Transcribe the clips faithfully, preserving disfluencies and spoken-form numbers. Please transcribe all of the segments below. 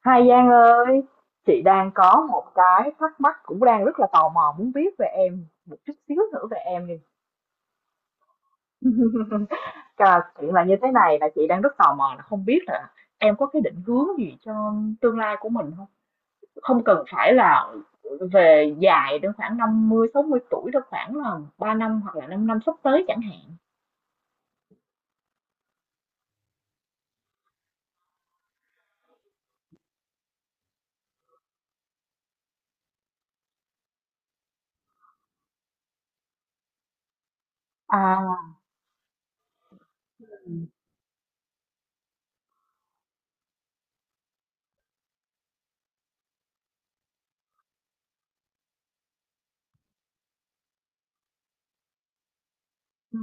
Hai Giang ơi, chị đang có một cái thắc mắc, cũng đang rất là tò mò muốn biết về em một chút xíu, nữa về em đi. Cả chuyện là như thế này, là chị đang rất tò mò là không biết là em có cái định hướng gì cho tương lai của mình không? Không cần phải là về dài đến khoảng năm mươi sáu mươi tuổi đâu, khoảng là ba năm hoặc là 5 năm sắp tới chẳng hạn. À. Ừ.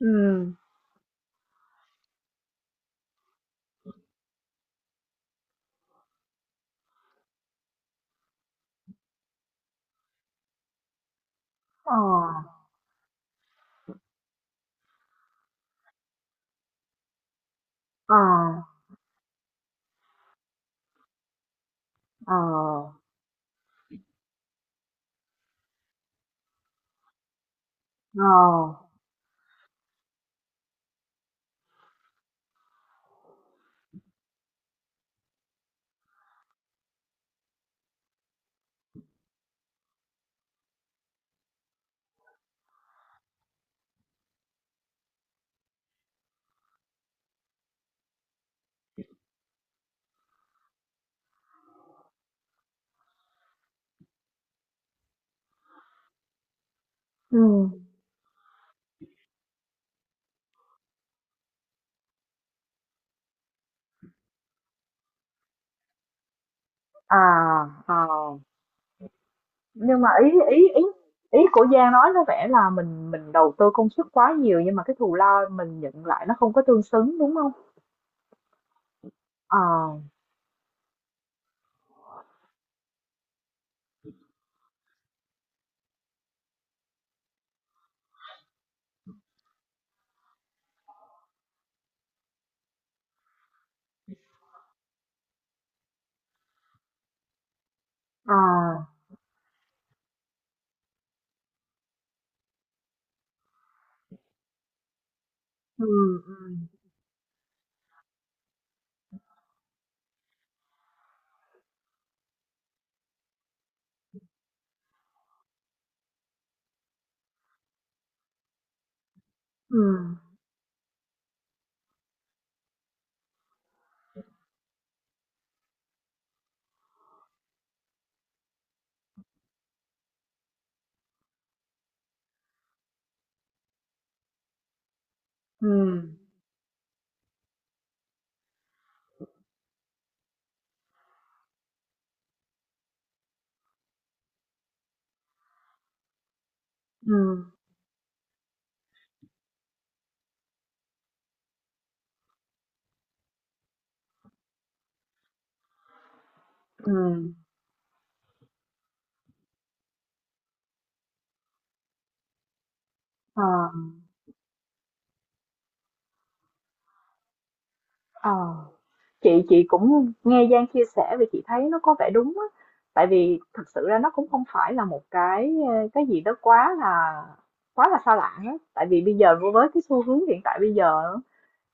Ừ. Ờ. Ờ. Ờ. Ờ. Ừ. À. Ờ. Nhưng mà ý ý ý ý của Giang nói có vẻ là mình mình đầu tư công sức quá nhiều nhưng mà cái thù lao mình nhận lại nó không có tương xứng, đúng không? Ờ. À. Ừ. Ừ. Ừ. Ừ. Ừ. Ừ. Ờ. Ờ. chị chị cũng nghe Giang chia sẻ, vì chị thấy nó có vẻ đúng á, tại vì thực sự ra nó cũng không phải là một cái cái gì đó quá là quá là xa lạ á, tại vì bây giờ với cái xu hướng hiện tại bây giờ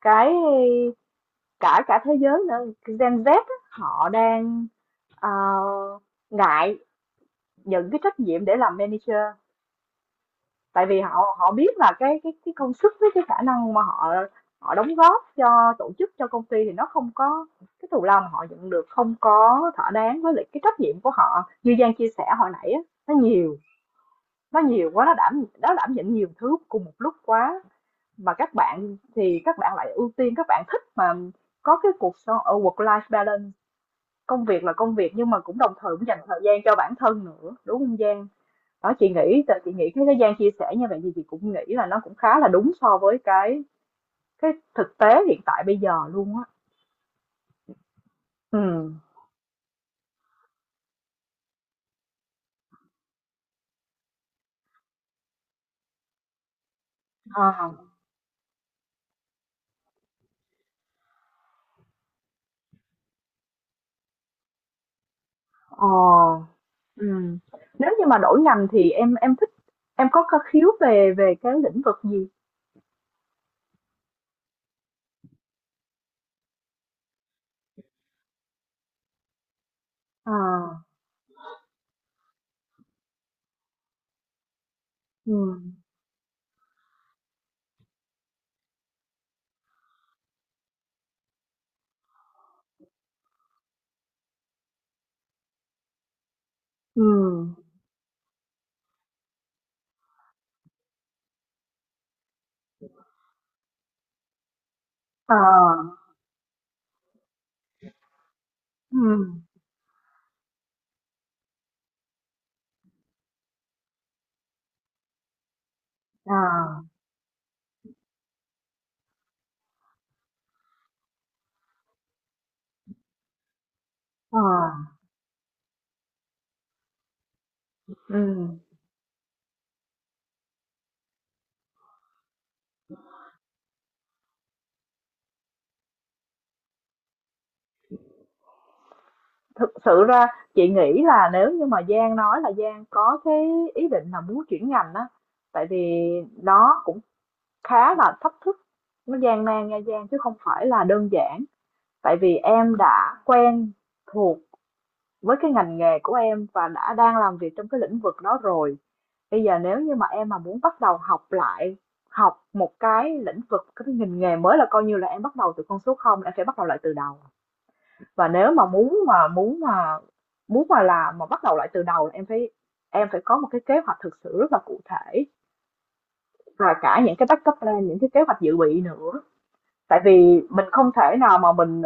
cái cả cả thế giới nữa, Gen Z á, họ đang ờ, ngại nhận cái trách nhiệm để làm manager, tại vì họ họ biết là cái cái cái công sức với cái khả năng mà họ họ đóng góp cho tổ chức cho công ty thì nó không có cái thù lao mà họ nhận được không có thỏa đáng với lại cái trách nhiệm của họ như Giang chia sẻ hồi nãy á, nó nhiều, nó nhiều quá, nó đảm nó đảm nhận nhiều thứ cùng một lúc quá, mà các bạn thì các bạn lại ưu tiên, các bạn thích mà có cái cuộc sống ở work life balance, công việc là công việc nhưng mà cũng đồng thời cũng dành thời gian cho bản thân nữa, đúng không Giang? Đó, chị nghĩ, chị nghĩ cái cái Giang chia sẻ như vậy thì chị cũng nghĩ là nó cũng khá là đúng so với cái cái thực tế hiện tại bây giờ luôn á. Ừ. À. Ờ. Ừ. Nếu như mà đổi ngành thì em em thích, em có có khiếu về về cái lĩnh vực gì? À. Ừ. Ừ. Ờ. Ừ. Ờ. À. Ừ. Thực sự ra chị nghĩ là nếu như mà Giang nói là Giang có cái ý định là muốn chuyển ngành á, tại vì nó cũng khá là thách thức, nó gian nan nha Giang, chứ không phải là đơn giản. Tại vì em đã quen thuộc với cái ngành nghề của em và đã đang làm việc trong cái lĩnh vực đó rồi. Bây giờ nếu như mà em mà muốn bắt đầu học lại, học một cái lĩnh vực, cái ngành nghề mới, là coi như là em bắt đầu từ con số không, em phải bắt đầu lại từ đầu, và nếu mà muốn mà muốn mà muốn mà làm mà bắt đầu lại từ đầu là em phải em phải có một cái kế hoạch thực sự rất là cụ thể, và cả những cái backup plan, những cái kế hoạch dự bị nữa, tại vì mình không thể nào mà mình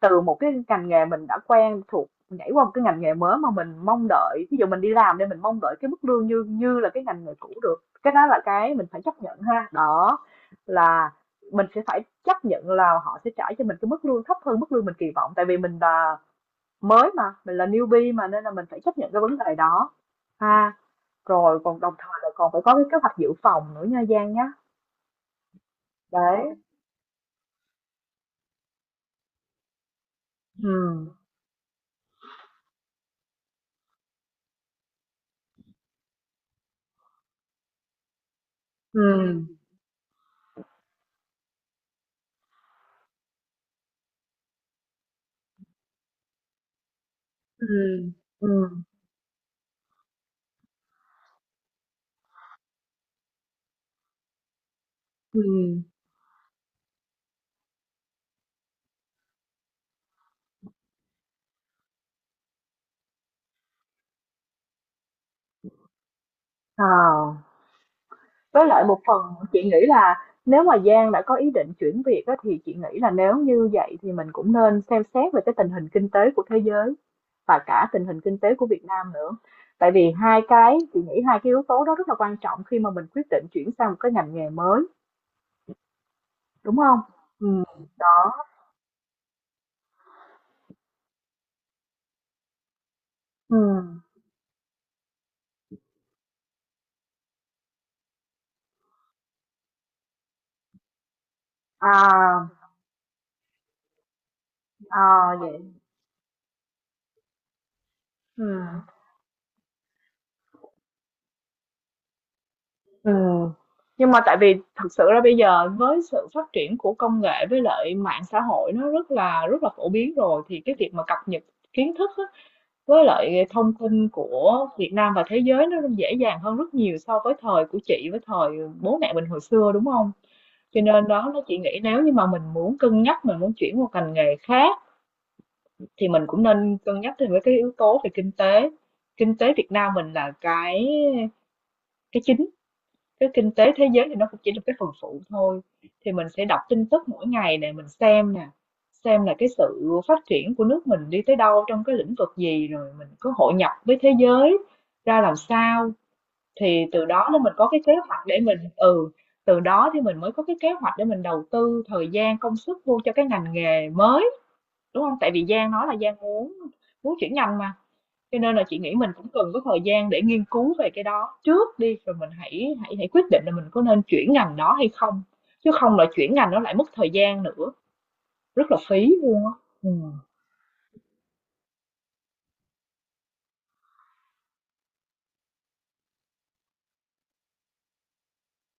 từ một cái ngành nghề mình đã quen thuộc nhảy qua một cái ngành nghề mới mà mình mong đợi, ví dụ mình đi làm nên mình mong đợi cái mức lương như như là cái ngành nghề cũ được. Cái đó là cái mình phải chấp nhận ha. Đó là mình sẽ phải chấp nhận là họ sẽ trả cho mình cái mức lương thấp hơn mức lương mình kỳ vọng, tại vì mình là mới mà, mình là newbie mà, nên là mình phải chấp nhận cái vấn đề đó ha. Rồi còn đồng thời là còn phải có cái kế hoạch dự phòng nữa nha Giang nhá. Đấy. Ừ. Ừ. Ừ. Ừ. Ừ. À. Với lại một phần chị nghĩ là nếu mà Giang đã có ý định chuyển việc á, thì chị nghĩ là nếu như vậy thì mình cũng nên xem xét về cái tình hình kinh tế của thế giới và cả tình hình kinh tế của Việt Nam nữa, tại vì hai cái, chị nghĩ hai cái yếu tố đó rất là quan trọng khi mà mình quyết định chuyển sang một cái ngành nghề mới. Đúng không? Ừm. Đó. Ừm. À. À. Vậy. Ừm. Ừm. Nhưng mà tại vì thực sự ra bây giờ với sự phát triển của công nghệ, với lại mạng xã hội nó rất là rất là phổ biến rồi, thì cái việc mà cập nhật kiến thức á, với lại thông tin của Việt Nam và thế giới nó dễ dàng hơn rất nhiều so với thời của chị, với thời bố mẹ mình hồi xưa, đúng không? Cho nên đó, nó chị nghĩ nếu như mà mình muốn cân nhắc, mình muốn chuyển qua ngành nghề khác thì mình cũng nên cân nhắc thêm với cái yếu tố về kinh tế, kinh tế Việt Nam mình là cái cái chính, cái kinh tế thế giới thì nó cũng chỉ là cái phần phụ thôi, thì mình sẽ đọc tin tức mỗi ngày để mình xem nè, xem là cái sự phát triển của nước mình đi tới đâu, trong cái lĩnh vực gì, rồi mình có hội nhập với thế giới ra làm sao, thì từ đó nên mình có cái kế hoạch để mình ừ, từ đó thì mình mới có cái kế hoạch để mình đầu tư thời gian công sức vô cho cái ngành nghề mới, đúng không, tại vì Giang nói là Giang muốn muốn chuyển ngành mà, cho nên là chị nghĩ mình cũng cần có thời gian để nghiên cứu về cái đó trước đi, rồi mình hãy hãy hãy quyết định là mình có nên chuyển ngành đó hay không. Chứ không là chuyển ngành nó lại mất thời gian nữa, rất là phí luôn á. Ừ.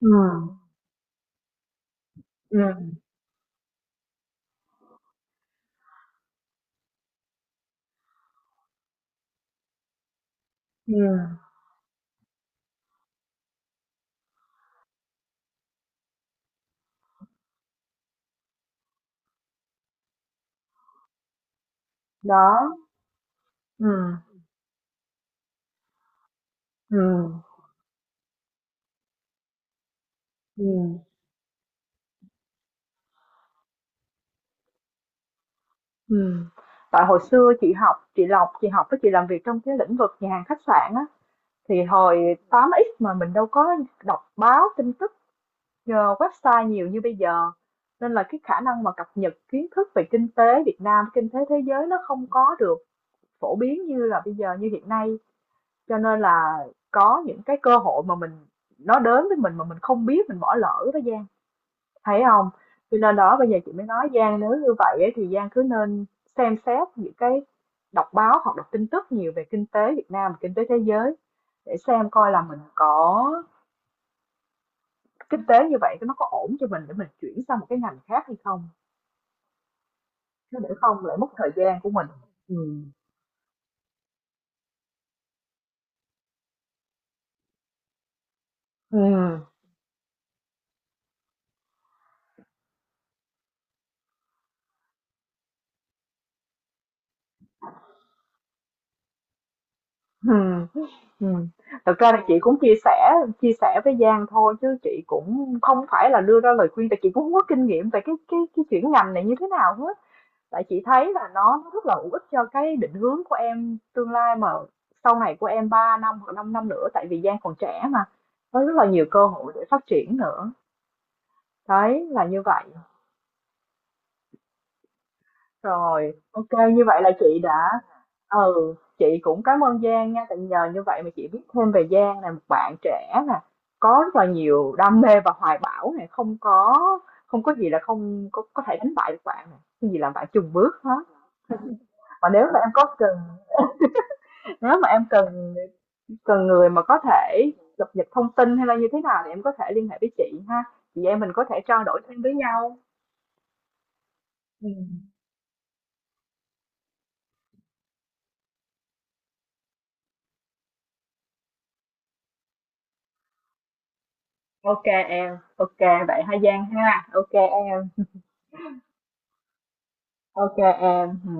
Ừ. Ừ. Ừ. Đó. Ừ. Ừ. Ừ. Ừ. Tại hồi xưa chị học, chị Lộc chị học với chị làm việc trong cái lĩnh vực nhà hàng khách sạn á, thì hồi tám x mà mình đâu có đọc báo tin tức nhờ website nhiều như bây giờ, nên là cái khả năng mà cập nhật kiến thức về kinh tế Việt Nam, kinh tế thế giới nó không có được phổ biến như là bây giờ như hiện nay. Cho nên là có những cái cơ hội mà mình, nó đến với mình mà mình không biết, mình bỏ lỡ đó Giang. Thấy không? Cho nên đó bây giờ chị mới nói Giang, nếu như vậy ấy, thì Giang cứ nên xem xét những cái, đọc báo hoặc đọc tin tức nhiều về kinh tế Việt Nam, và kinh tế thế giới, để xem coi là mình có kinh tế như vậy nó có ổn cho mình để mình chuyển sang một cái ngành khác hay không? Chứ để không lại mất thời gian của mình. Ừm. Ừm. Ừm. Ừm. Thật ra là chị cũng chia sẻ, chia sẻ với Giang thôi, chứ chị cũng không phải là đưa ra lời khuyên, tại chị cũng không có kinh nghiệm về cái cái cái chuyển ngành này như thế nào hết. Tại chị thấy là nó rất là hữu ích cho cái định hướng của em tương lai, mà sau này của em ba năm hoặc 5 năm nữa, tại vì Giang còn trẻ mà. Có rất là nhiều cơ hội để phát triển nữa. Đấy là như vậy. Rồi, ok, như vậy là chị đã ừ, chị cũng cảm ơn Giang nha, tại nhờ như vậy mà chị biết thêm về Giang là một bạn trẻ nè, có rất là nhiều đam mê và hoài bão này, không có không có gì là không có có thể đánh bại được bạn này, cái gì làm bạn chùn bước hết. Mà nếu mà em có cần, nếu mà em cần cần người mà có thể cập nhật thông tin hay là như thế nào thì em có thể liên hệ với chị ha. Chị em mình có thể trao đổi thêm với nhau. Ừ. Ok em, ok vậy ha Giang ha. Ok em. Ok em ừ.